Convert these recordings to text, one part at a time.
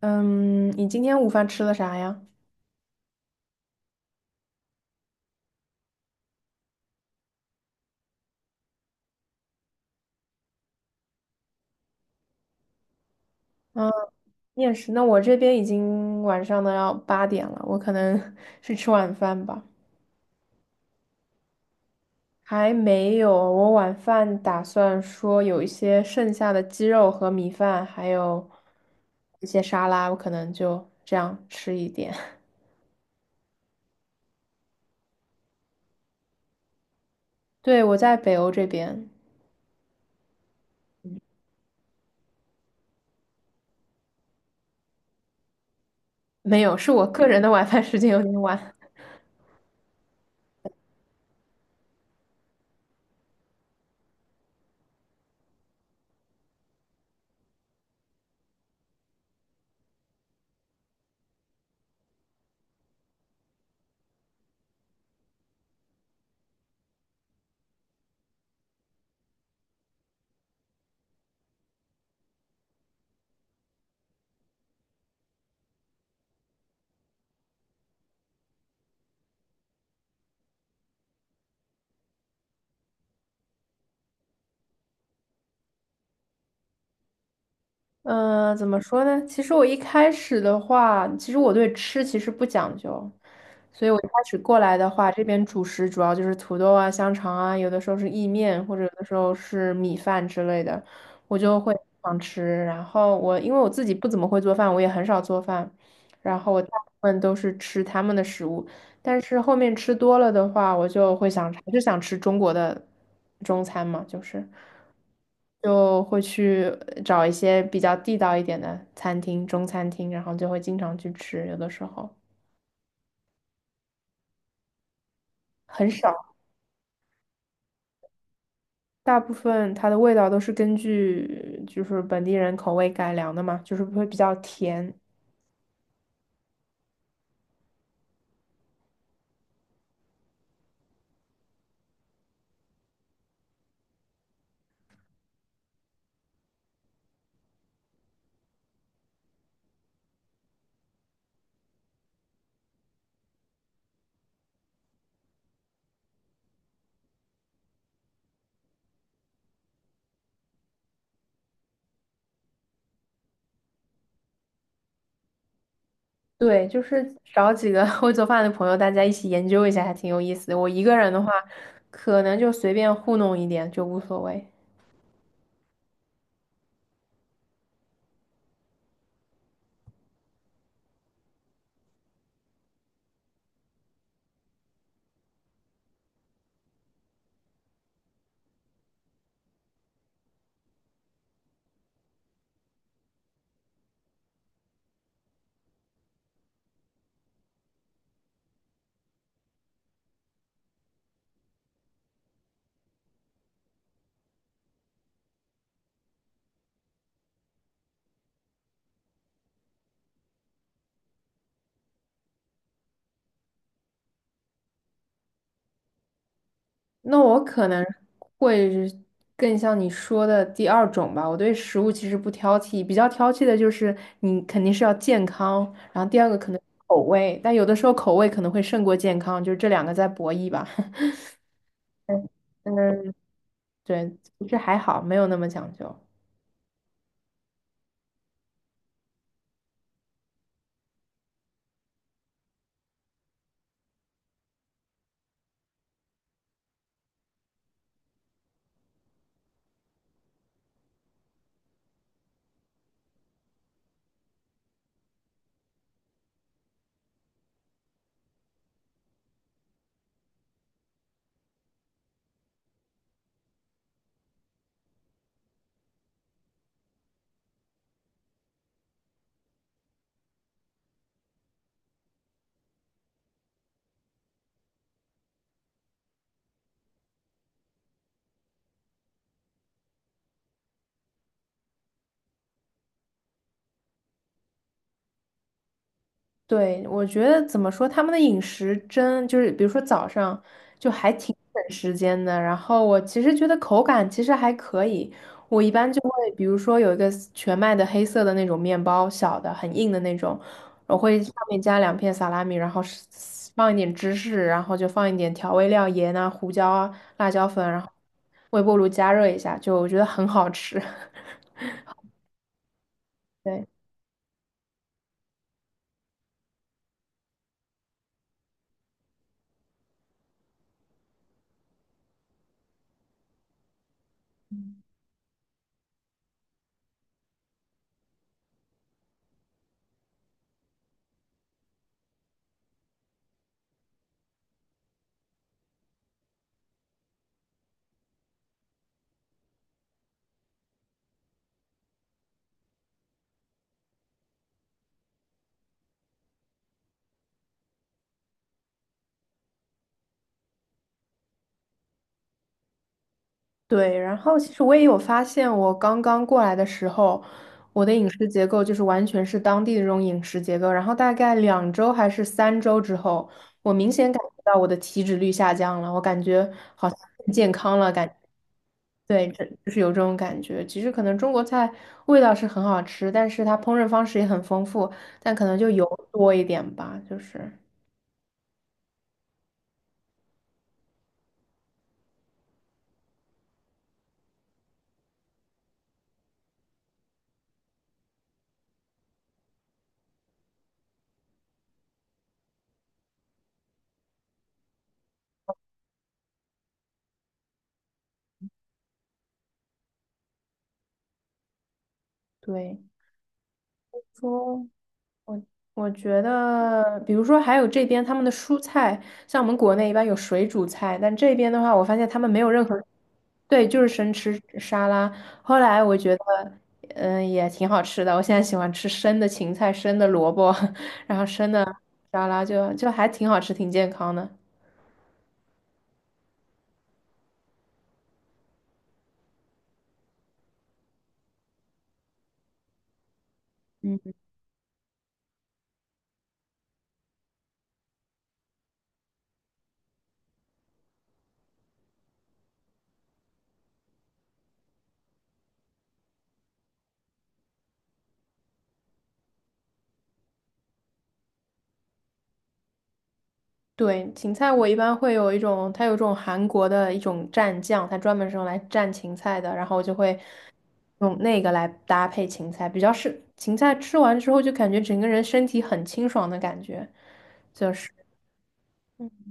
嗯，你今天午饭吃了啥呀？嗯，面食。那我这边已经晚上的要8点了，我可能 去吃晚饭吧。还没有，我晚饭打算说有一些剩下的鸡肉和米饭，还有一些沙拉，我可能就这样吃一点。对，我在北欧这边，没有，是我个人的晚饭时间有点晚。嗯，怎么说呢？其实我一开始的话，其实我对吃其实不讲究，所以我一开始过来的话，这边主食主要就是土豆啊、香肠啊，有的时候是意面，或者有的时候是米饭之类的，我就会想吃。然后因为我自己不怎么会做饭，我也很少做饭，然后我大部分都是吃他们的食物。但是后面吃多了的话，我就会想还是想吃中国的中餐嘛，就会去找一些比较地道一点的餐厅，中餐厅，然后就会经常去吃，有的时候很少，大部分它的味道都是根据就是本地人口味改良的嘛，就是会比较甜。对，就是找几个 会做饭的朋友，大家一起研究一下，还挺有意思的。我一个人的话，可能就随便糊弄一点就无所谓。那我可能会是更像你说的第二种吧。我对食物其实不挑剔，比较挑剔的就是你肯定是要健康，然后第二个可能口味，但有的时候口味可能会胜过健康，就是这两个在博弈吧。嗯，对，其实还好，没有那么讲究。对，我觉得怎么说，他们的饮食真就是，比如说早上就还挺省时间的。然后我其实觉得口感其实还可以，我一般就会，比如说有一个全麦的黑色的那种面包，小的很硬的那种，我会上面加2片萨拉米，然后是放一点芝士，然后就放一点调味料，盐啊、胡椒啊、辣椒粉，然后微波炉加热一下，就我觉得很好吃。对。对，然后其实我也有发现，我刚刚过来的时候，我的饮食结构就是完全是当地的这种饮食结构。然后大概2周还是3周之后，我明显感觉到我的体脂率下降了，我感觉好像更健康了，感对，这就是有这种感觉。其实可能中国菜味道是很好吃，但是它烹饪方式也很丰富，但可能就油多一点吧，就是对。说我觉得，比如说还有这边他们的蔬菜，像我们国内一般有水煮菜，但这边的话，我发现他们没有任何，对，就是生吃沙拉。后来我觉得，嗯，也挺好吃的。我现在喜欢吃生的芹菜、生的萝卜，然后生的沙拉就还挺好吃，挺健康的。嗯对，芹菜我一般会有一种，它有一种韩国的一种蘸酱，它专门是用来蘸芹菜的，然后我就会用那个来搭配芹菜，比较是芹菜吃完之后就感觉整个人身体很清爽的感觉，就是，嗯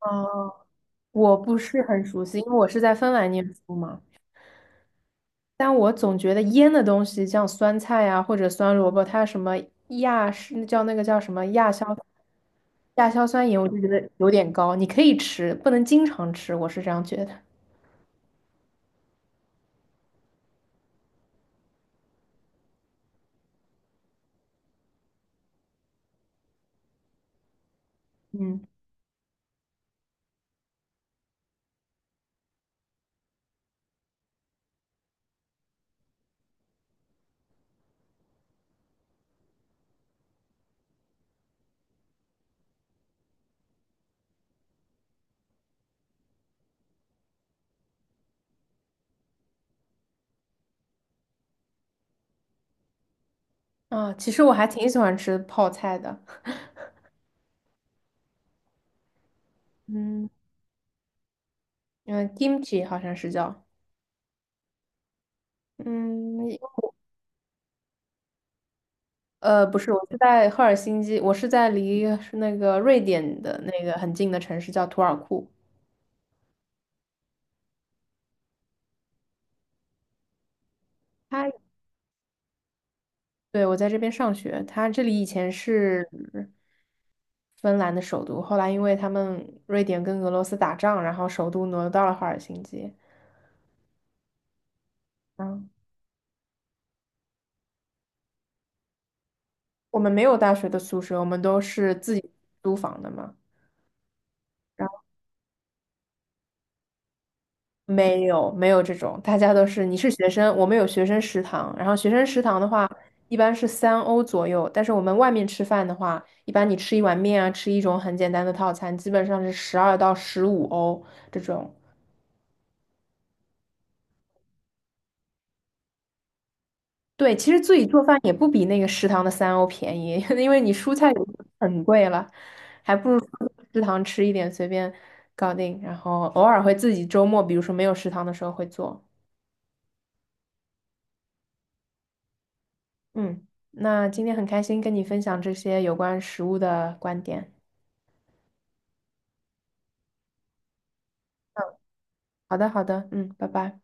呃我不是很熟悉，因为我是在芬兰念书嘛，但我总觉得腌的东西，像酸菜啊或者酸萝卜，它什么亚是叫那个叫什么亚硝。亚硝酸盐我就觉得有点高，你可以吃，不能经常吃，我是这样觉得。嗯啊，其实我还挺喜欢吃泡菜的，嗯嗯，kimchi 好像是叫，嗯，不是，我是在赫尔辛基，我是在离那个瑞典的那个很近的城市叫图尔库，它，对，我在这边上学，它这里以前是芬兰的首都，后来因为他们瑞典跟俄罗斯打仗，然后首都挪到了赫尔辛基。嗯。我们没有大学的宿舍，我们都是自己租房的嘛。然后没有这种，大家都是你是学生，我们有学生食堂。然后学生食堂的话，一般是三欧左右，但是我们外面吃饭的话，一般你吃一碗面啊，吃一种很简单的套餐，基本上是12到15欧这种。对，其实自己做饭也不比那个食堂的三欧便宜，因为你蔬菜也很贵了，还不如说食堂吃一点，随便搞定。然后偶尔会自己周末，比如说没有食堂的时候会做。嗯，那今天很开心跟你分享这些有关食物的观点。好的，好的，嗯，拜拜。